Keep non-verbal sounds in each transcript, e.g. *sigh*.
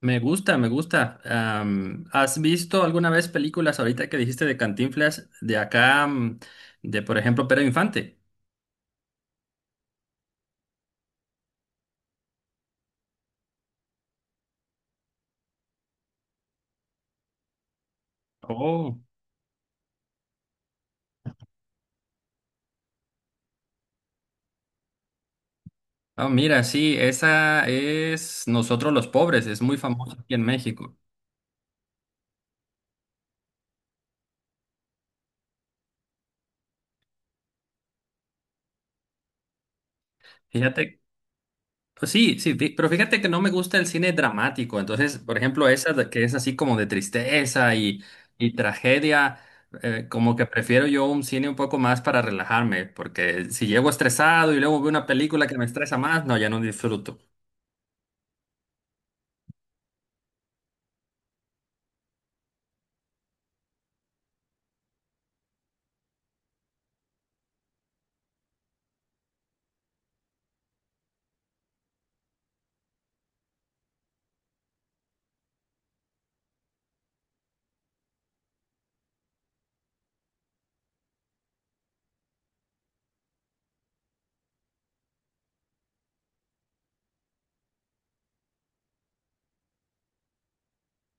Me gusta, me gusta. ¿Has visto alguna vez películas ahorita que dijiste de Cantinflas de acá, de por ejemplo Pedro Infante? Oh, Mira, sí, esa es Nosotros los Pobres, es muy famosa aquí en México. Fíjate Pues Sí, sí, pero fíjate que no me gusta el cine dramático. Entonces, por ejemplo, que es así como de tristeza y tragedia. Como que prefiero yo un cine un poco más para relajarme, porque si llego estresado y luego veo una película que me estresa más, no, ya no disfruto.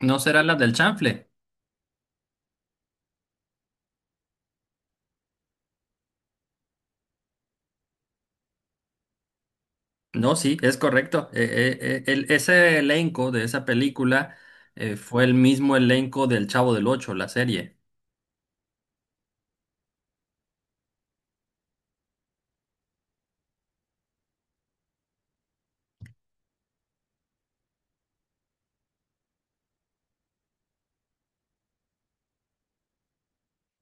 ¿No será la del chanfle? No, sí, es correcto. Ese elenco de esa película fue el mismo elenco del Chavo del Ocho, la serie.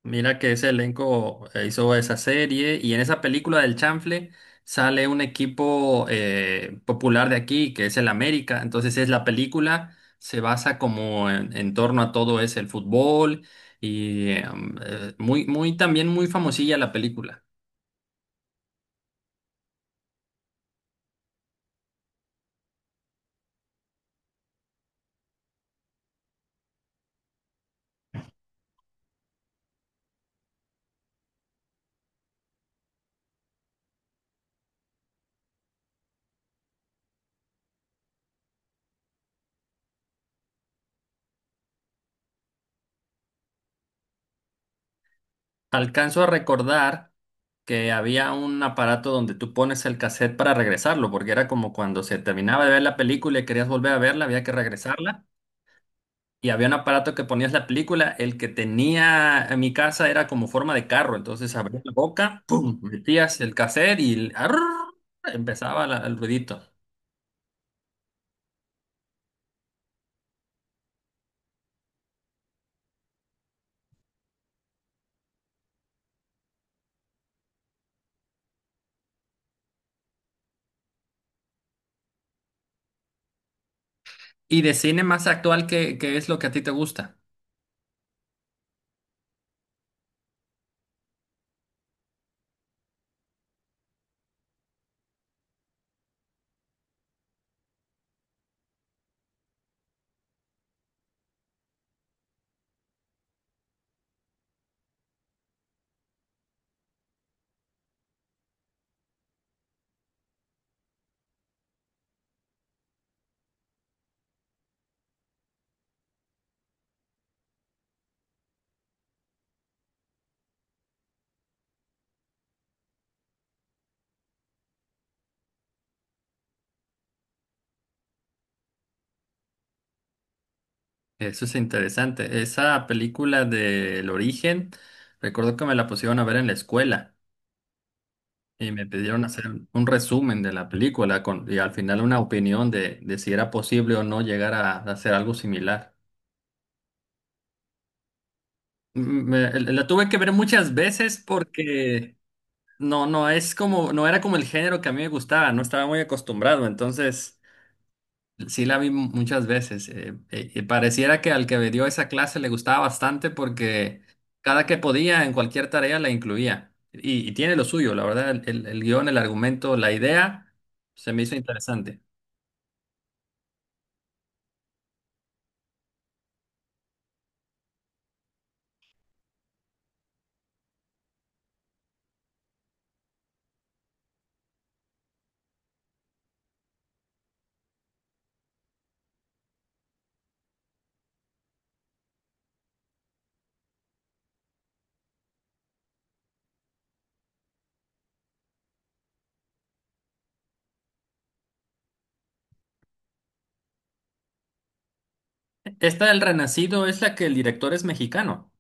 Mira que ese elenco hizo esa serie y en esa película del Chanfle sale un equipo popular de aquí, que es el América. Entonces es la película, se basa como en torno a todo es el fútbol y muy, también muy famosilla la película. Alcanzo a recordar que había un aparato donde tú pones el cassette para regresarlo, porque era como cuando se terminaba de ver la película y querías volver a verla, había que regresarla. Y había un aparato que ponías la película, el que tenía en mi casa era como forma de carro, entonces abrías la boca, ¡pum!, metías el cassette y empezaba el ruidito. Y de cine más actual, qué es lo que a ti te gusta? Eso es interesante. Esa película de El Origen, recuerdo que me la pusieron a ver en la escuela y me pidieron hacer un resumen de la película con, y al final una opinión de si era posible o no llegar a hacer algo similar. La tuve que ver muchas veces porque no, no es como, no era como el género que a mí me gustaba, no estaba muy acostumbrado, entonces sí la vi muchas veces. Y pareciera que al que me dio esa clase le gustaba bastante porque cada que podía en cualquier tarea la incluía. Y tiene lo suyo, la verdad, el guión, el argumento, la idea se me hizo interesante. Esta del Renacido es la que el director es mexicano.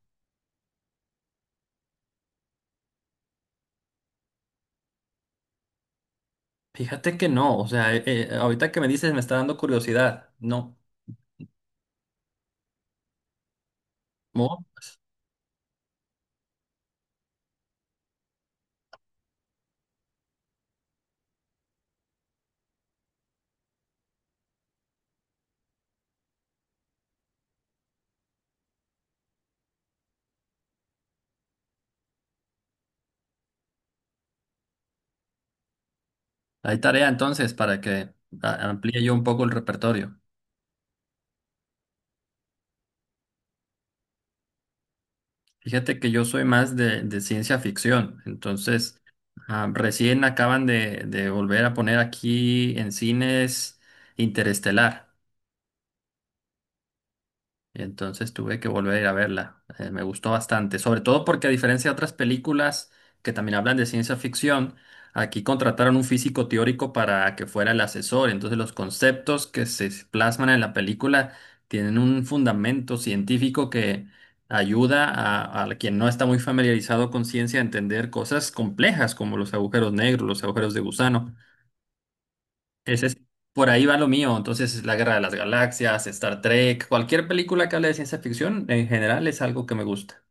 Fíjate que no, o sea, ahorita que me dices me está dando curiosidad. No. Oh, pues, Hay tarea entonces para que amplíe yo un poco el repertorio. Fíjate que yo soy más de ciencia ficción, entonces recién acaban de volver a poner aquí en cines Interestelar. Entonces tuve que volver a ir a verla. Me gustó bastante, sobre todo porque a diferencia de otras películas que también hablan de ciencia ficción, aquí contrataron un físico teórico para que fuera el asesor. Entonces los conceptos que se plasman en la película tienen un fundamento científico que ayuda a quien no está muy familiarizado con ciencia a entender cosas complejas como los agujeros negros, los agujeros de gusano. Ese es, por ahí va lo mío. Entonces, La Guerra de las Galaxias, Star Trek, cualquier película que hable de ciencia ficción, en general es algo que me gusta.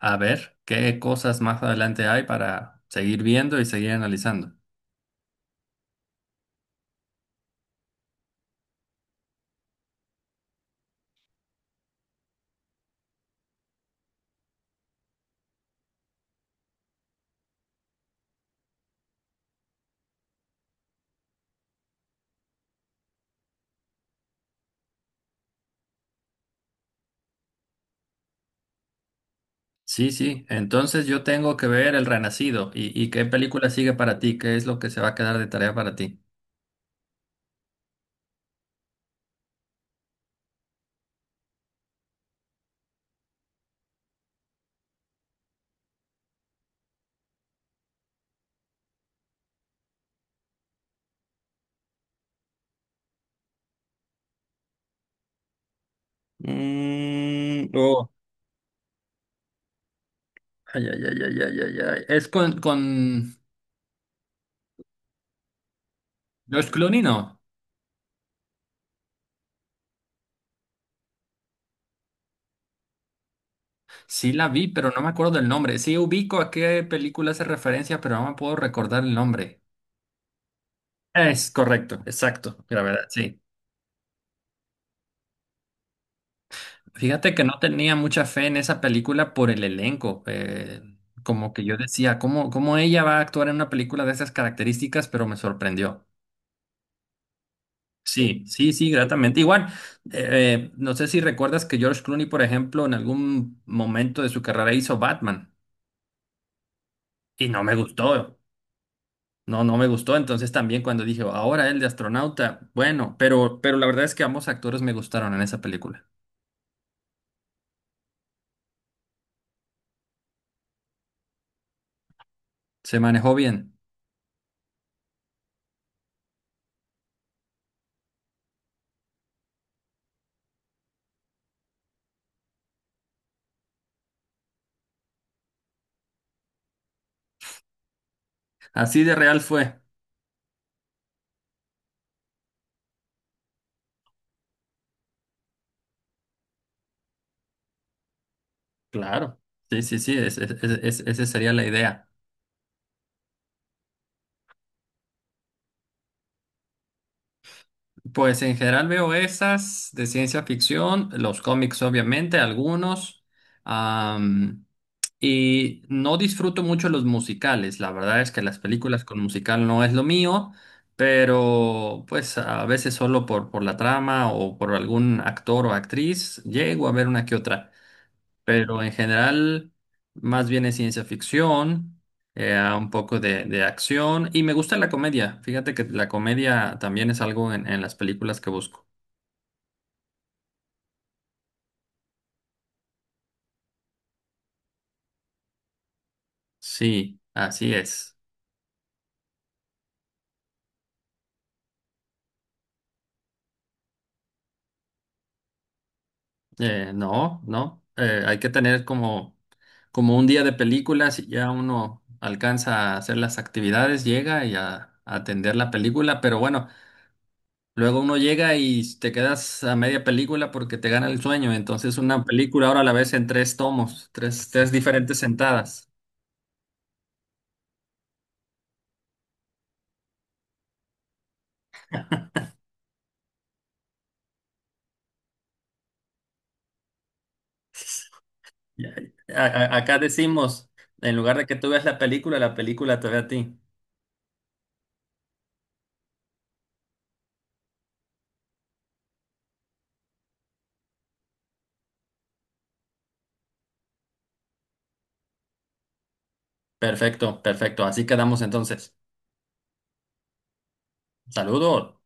A ver qué cosas más adelante hay para seguir viendo y seguir analizando. Sí, sí. Entonces yo tengo que ver El Renacido. Y qué película sigue para ti? ¿Qué es lo que se va a quedar de tarea para ti? Mm, oh, Ay, ay, ay, ay, ay, ay, ay. Es con George Clooney, ¿no? Sí la vi, pero no me acuerdo del nombre. Sí ubico a qué película hace referencia, pero no me puedo recordar el nombre. Es correcto, exacto, Gravedad, sí. Fíjate que no tenía mucha fe en esa película por el elenco. Como que yo decía, cómo ella va a actuar en una película de esas características? Pero me sorprendió. Sí, sí, sí, gratamente. Igual, no sé si recuerdas que George Clooney, por ejemplo, en algún momento de su carrera hizo Batman y no me gustó. No, no me gustó. Entonces también cuando dije, ahora el de astronauta, bueno, pero la verdad es que ambos actores me gustaron en esa película. Se manejó bien. Así de real fue. Claro. Sí, sí, sí, esa sería la idea. Pues en general veo esas de ciencia ficción, los cómics obviamente, algunos. Y no disfruto mucho los musicales. La verdad es que las películas con musical no es lo mío, pero pues a veces solo por la trama o por algún actor o actriz llego a ver una que otra. Pero en general, más bien es ciencia ficción, un poco de acción y me gusta la comedia. Fíjate que la comedia también es algo en las películas que busco. Sí, así es. No, no. Hay que tener como, como un día de películas y ya uno alcanza a hacer las actividades, llega a atender la película, pero bueno, luego uno llega y te quedas a media película porque te gana el sueño. Entonces una película ahora la ves en tres tomos, tres diferentes sentadas. *laughs* Y acá decimos, en lugar de que tú veas la película te ve a ti. Perfecto, perfecto. Así quedamos entonces. Saludos.